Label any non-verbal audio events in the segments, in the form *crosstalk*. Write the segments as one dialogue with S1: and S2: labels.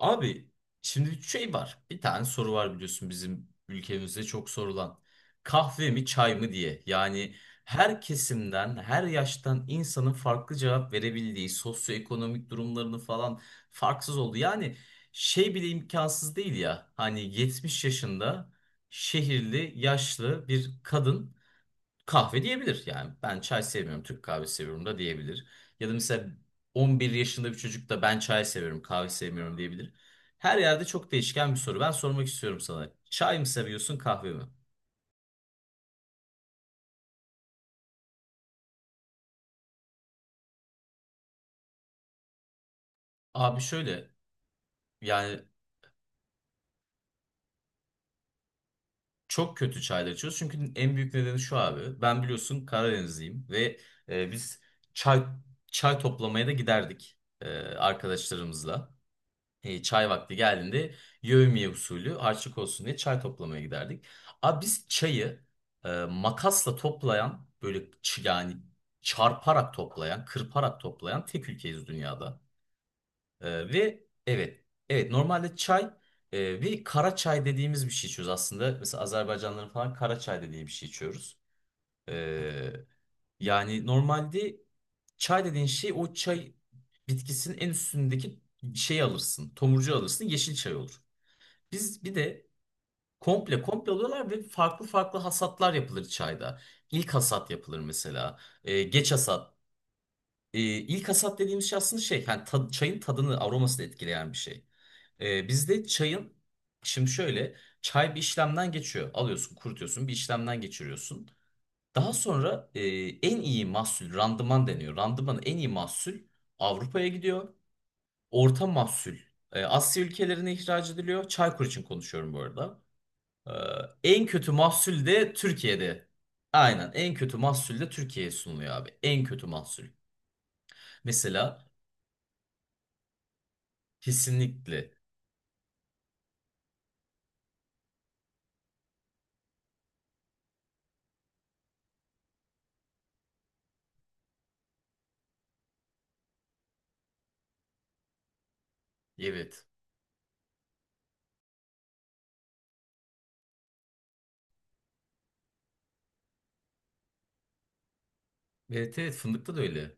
S1: Abi, şimdi bir şey var. Bir tane soru var biliyorsun, bizim ülkemizde çok sorulan. Kahve mi çay mı diye. Yani her kesimden, her yaştan insanın farklı cevap verebildiği, sosyoekonomik durumlarını falan farksız oldu. Yani şey bile imkansız değil ya. Hani 70 yaşında şehirli, yaşlı bir kadın kahve diyebilir, yani ben çay sevmiyorum Türk kahvesi seviyorum da diyebilir. Ya da mesela 11 yaşında bir çocuk da ben çay seviyorum kahve sevmiyorum diyebilir. Her yerde çok değişken bir soru. Ben sormak istiyorum sana. Çay mı seviyorsun kahve mi? Abi şöyle, yani çok kötü çaylar içiyoruz. Çünkü en büyük nedeni şu abi. Ben biliyorsun Karadenizliyim ve biz çay çay toplamaya da giderdik arkadaşlarımızla. Çay vakti geldiğinde yevmiye usulü harçlık olsun diye çay toplamaya giderdik. Abi biz çayı makasla toplayan böyle yani çarparak toplayan, kırparak toplayan tek ülkeyiz dünyada. E, ve evet, evet, normalde çay, ve kara çay dediğimiz bir şey içiyoruz aslında. Mesela Azerbaycanlıların falan kara çay dediği bir şey içiyoruz. Ee, yani normalde çay dediğin şey o çay bitkisinin en üstündeki şeyi alırsın. Tomurcu alırsın yeşil çay olur. Biz bir de komple komple alıyorlar ve farklı farklı hasatlar yapılır çayda. İlk hasat yapılır mesela. Geç hasat. İlk hasat dediğimiz şey aslında şey, yani çayın tadını aromasını etkileyen bir şey. Bizde çayın şimdi şöyle çay bir işlemden geçiyor. Alıyorsun, kurutuyorsun, bir işlemden geçiriyorsun. Daha sonra en iyi mahsul randıman deniyor. Randımanın en iyi mahsul Avrupa'ya gidiyor. Orta mahsul Asya ülkelerine ihraç ediliyor. Çaykur için konuşuyorum bu arada. E, en kötü mahsul de Türkiye'de. Aynen, en kötü mahsul de Türkiye'ye sunuluyor abi. En kötü mahsul. Mesela kesinlikle evet. Evet evet, fındıkta da öyle.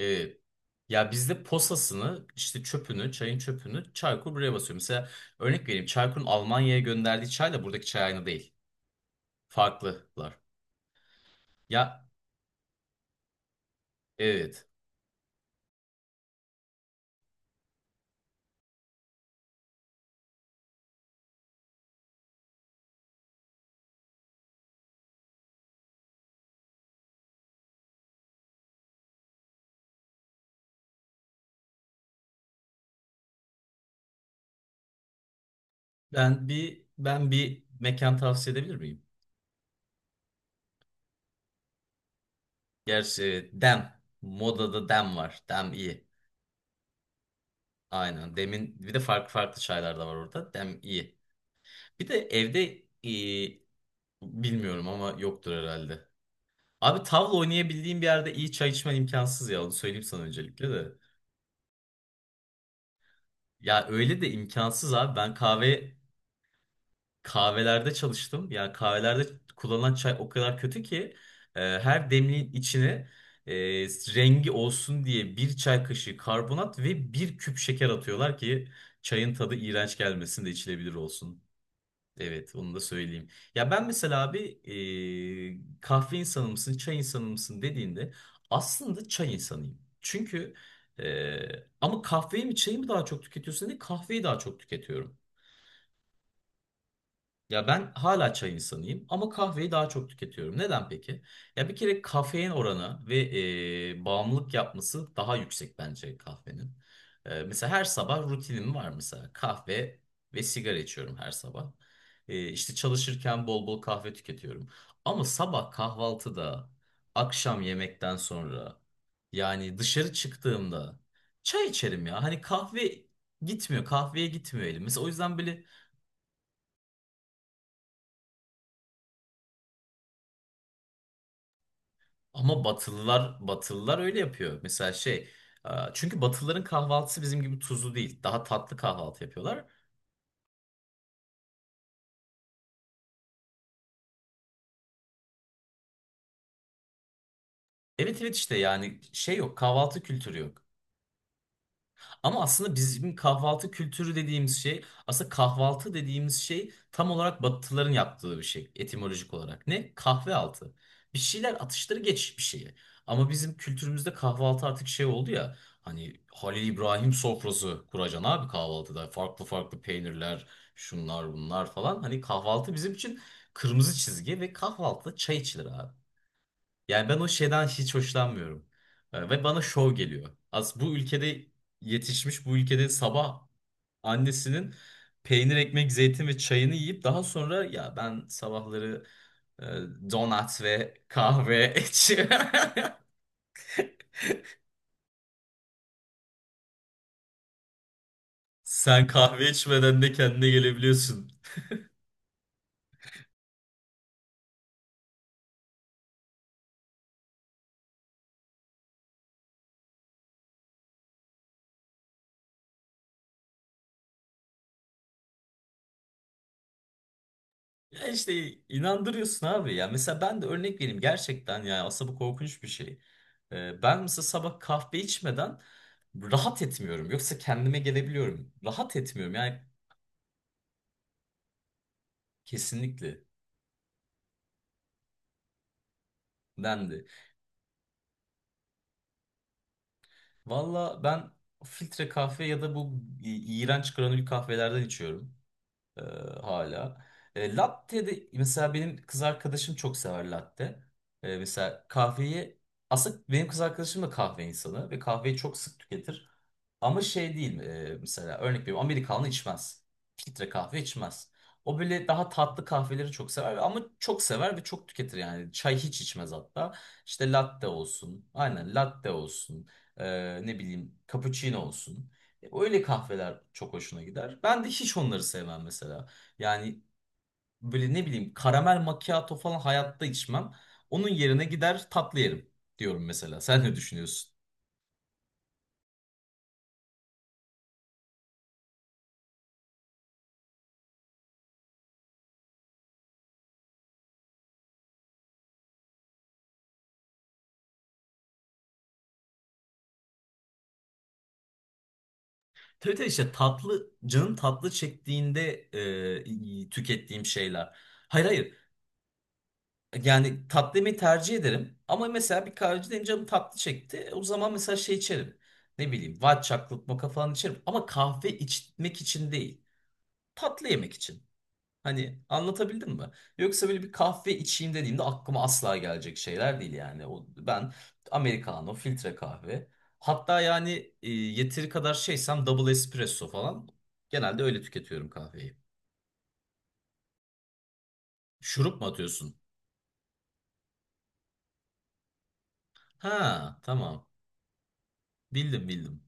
S1: E, ya bizde posasını işte çöpünü çayın çöpünü Çaykur buraya basıyor. Mesela örnek vereyim, Çaykur'un Almanya'ya gönderdiği çayla buradaki çay aynı değil. Farklılar. Ya evet, ben bir mekan tavsiye edebilir miyim? Gerçi Dem modada Dem var. Dem iyi. Aynen, Dem'in bir de farklı farklı çaylar da var orada. Dem iyi. Bir de evde e, bilmiyorum ama yoktur herhalde. Abi tavla oynayabildiğim bir yerde iyi çay içmen imkansız ya. Onu söyleyeyim sana öncelikle de. Ya öyle de imkansız abi. Ben kahvelerde çalıştım. Ya kahvelerde kullanılan çay o kadar kötü ki her demliğin içine e, rengi olsun diye bir çay kaşığı karbonat ve bir küp şeker atıyorlar ki çayın tadı iğrenç gelmesin de içilebilir olsun. Evet, onu da söyleyeyim. Ya ben mesela abi kahve insanı mısın, çay insanı mısın dediğinde aslında çay insanıyım. E, ama kahveyi mi çayı mı daha çok tüketiyorsun diye kahveyi daha çok tüketiyorum. Ya ben hala çay insanıyım ama kahveyi daha çok tüketiyorum. Neden peki? Ya bir kere kafein oranı ve bağımlılık yapması daha yüksek bence kahvenin. Mesela her sabah rutinim var, mesela kahve ve sigara içiyorum her sabah. E, işte çalışırken bol bol kahve tüketiyorum. Ama sabah kahvaltıda, akşam yemekten sonra, yani dışarı çıktığımda çay içerim ya. Hani kahve gitmiyor, kahveye gitmiyor elim. Mesela o yüzden böyle. Ama Batılılar Batılılar öyle yapıyor. Mesela şey, çünkü Batılıların kahvaltısı bizim gibi tuzlu değil. Daha tatlı kahvaltı yapıyorlar. Evet evet, işte yani şey yok, kahvaltı kültürü yok. Ama aslında bizim kahvaltı kültürü dediğimiz şey, aslında kahvaltı dediğimiz şey tam olarak Batılıların yaptığı bir şey etimolojik olarak. Ne? Kahve altı. Bir şeyler atıştırı geç bir şeyi. Ama bizim kültürümüzde kahvaltı artık şey oldu ya. Hani Halil İbrahim sofrası kuracaksın abi kahvaltıda. Farklı farklı peynirler, şunlar bunlar falan. Hani kahvaltı bizim için kırmızı çizgi ve kahvaltıda çay içilir abi. Yani ben o şeyden hiç hoşlanmıyorum. Ve bana şov geliyor. Az bu ülkede yetişmiş, bu ülkede sabah annesinin peynir, ekmek, zeytin ve çayını yiyip daha sonra ya ben sabahları e, donat ve kahve *laughs* içiyorum. Sen kahve içmeden de kendine gelebiliyorsun. Ya işte inandırıyorsun abi ya. Mesela ben de örnek vereyim gerçekten, ya aslında bu korkunç bir şey. Ben mesela sabah kahve içmeden rahat etmiyorum. Yoksa kendime gelebiliyorum. Rahat etmiyorum yani, kesinlikle dendi. Valla ben filtre kahve ya da bu iğrenç granül kahvelerden içiyorum. Ee, hala. Latte de mesela benim kız arkadaşım çok sever latte. Mesela kahveyi aslında benim kız arkadaşım da kahve insanı ve kahveyi çok sık tüketir. Ama şey değil, mesela örnek veriyorum, Amerikanlı içmez. Filtre kahve içmez. O böyle daha tatlı kahveleri çok sever, ama çok sever ve çok tüketir yani. Çay hiç içmez hatta. İşte latte olsun. Aynen latte olsun. Ne bileyim cappuccino olsun. Öyle kahveler çok hoşuna gider. Ben de hiç onları sevmem mesela. Yani böyle ne bileyim karamel macchiato falan hayatta içmem. Onun yerine gider tatlı yerim diyorum mesela. *laughs* Sen ne düşünüyorsun? Tabii tabii, işte tatlı, canım tatlı çektiğinde tükettiğim şeyler. Hayır hayır. Yani tatlı yemeği tercih ederim. Ama mesela bir kahveciden canım tatlı çekti. O zaman mesela şey içerim. Ne bileyim, white chocolate mocha falan içerim. Ama kahve içmek için değil. Tatlı yemek için. Hani anlatabildim mi? Yoksa böyle bir kahve içeyim dediğimde aklıma asla gelecek şeyler değil yani. O, ben Americano, filtre kahve. Hatta yani yeteri kadar şeysem double espresso falan. Genelde öyle tüketiyorum kahveyi. Şurup mu atıyorsun? Ha, tamam. Bildim bildim.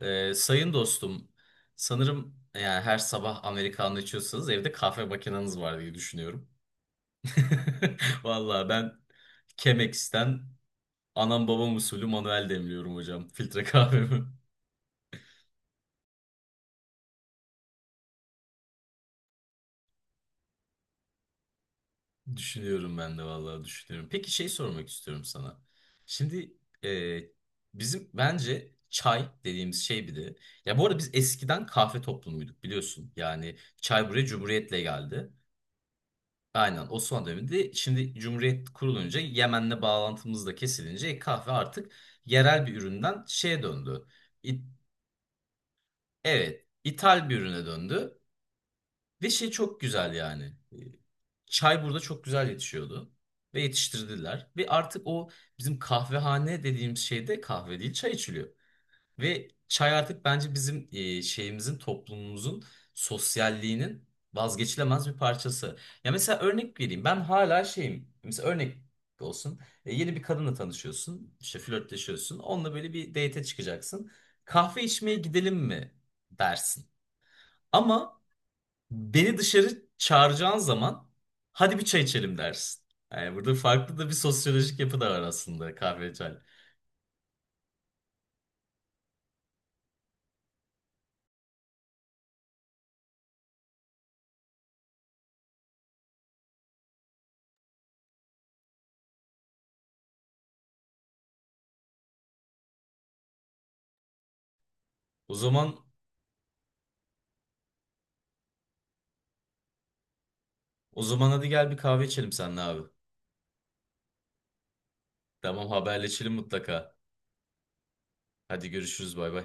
S1: Sayın dostum, sanırım yani her sabah Americano içiyorsanız evde kahve makineniz var diye düşünüyorum. *laughs* Vallahi ben Chemex'ten anam babam usulü manuel demliyorum hocam. Filtre kahvemi. *laughs* Düşünüyorum ben de vallahi düşünüyorum. Peki şey sormak istiyorum sana. Şimdi e, bizim bence çay dediğimiz şey bir de. Ya bu arada biz eskiden kahve toplumuyduk biliyorsun. Yani çay buraya Cumhuriyet'le geldi. Aynen, Osmanlı döneminde şimdi Cumhuriyet kurulunca Yemen'le bağlantımız da kesilince kahve artık yerel bir üründen şeye döndü. İ- evet, ithal bir ürüne döndü. Ve şey çok güzel yani. E, Çay burada çok güzel yetişiyordu. Ve yetiştirdiler. Ve artık o bizim kahvehane dediğimiz şeyde kahve değil çay içiliyor. Ve çay artık bence bizim şeyimizin toplumumuzun sosyalliğinin vazgeçilemez bir parçası. Ya mesela örnek vereyim. Ben hala şeyim. Mesela örnek olsun. Yeni bir kadınla tanışıyorsun. İşte flörtleşiyorsun. Onunla böyle bir date'e çıkacaksın. Kahve içmeye gidelim mi dersin. Ama beni dışarı çağıracağın zaman hadi bir çay içelim dersin. Yani burada farklı da bir sosyolojik yapı da var aslında kahve çay. O zaman o zaman hadi gel bir kahve içelim seninle abi. Tamam, haberleşelim mutlaka. Hadi görüşürüz bay bay.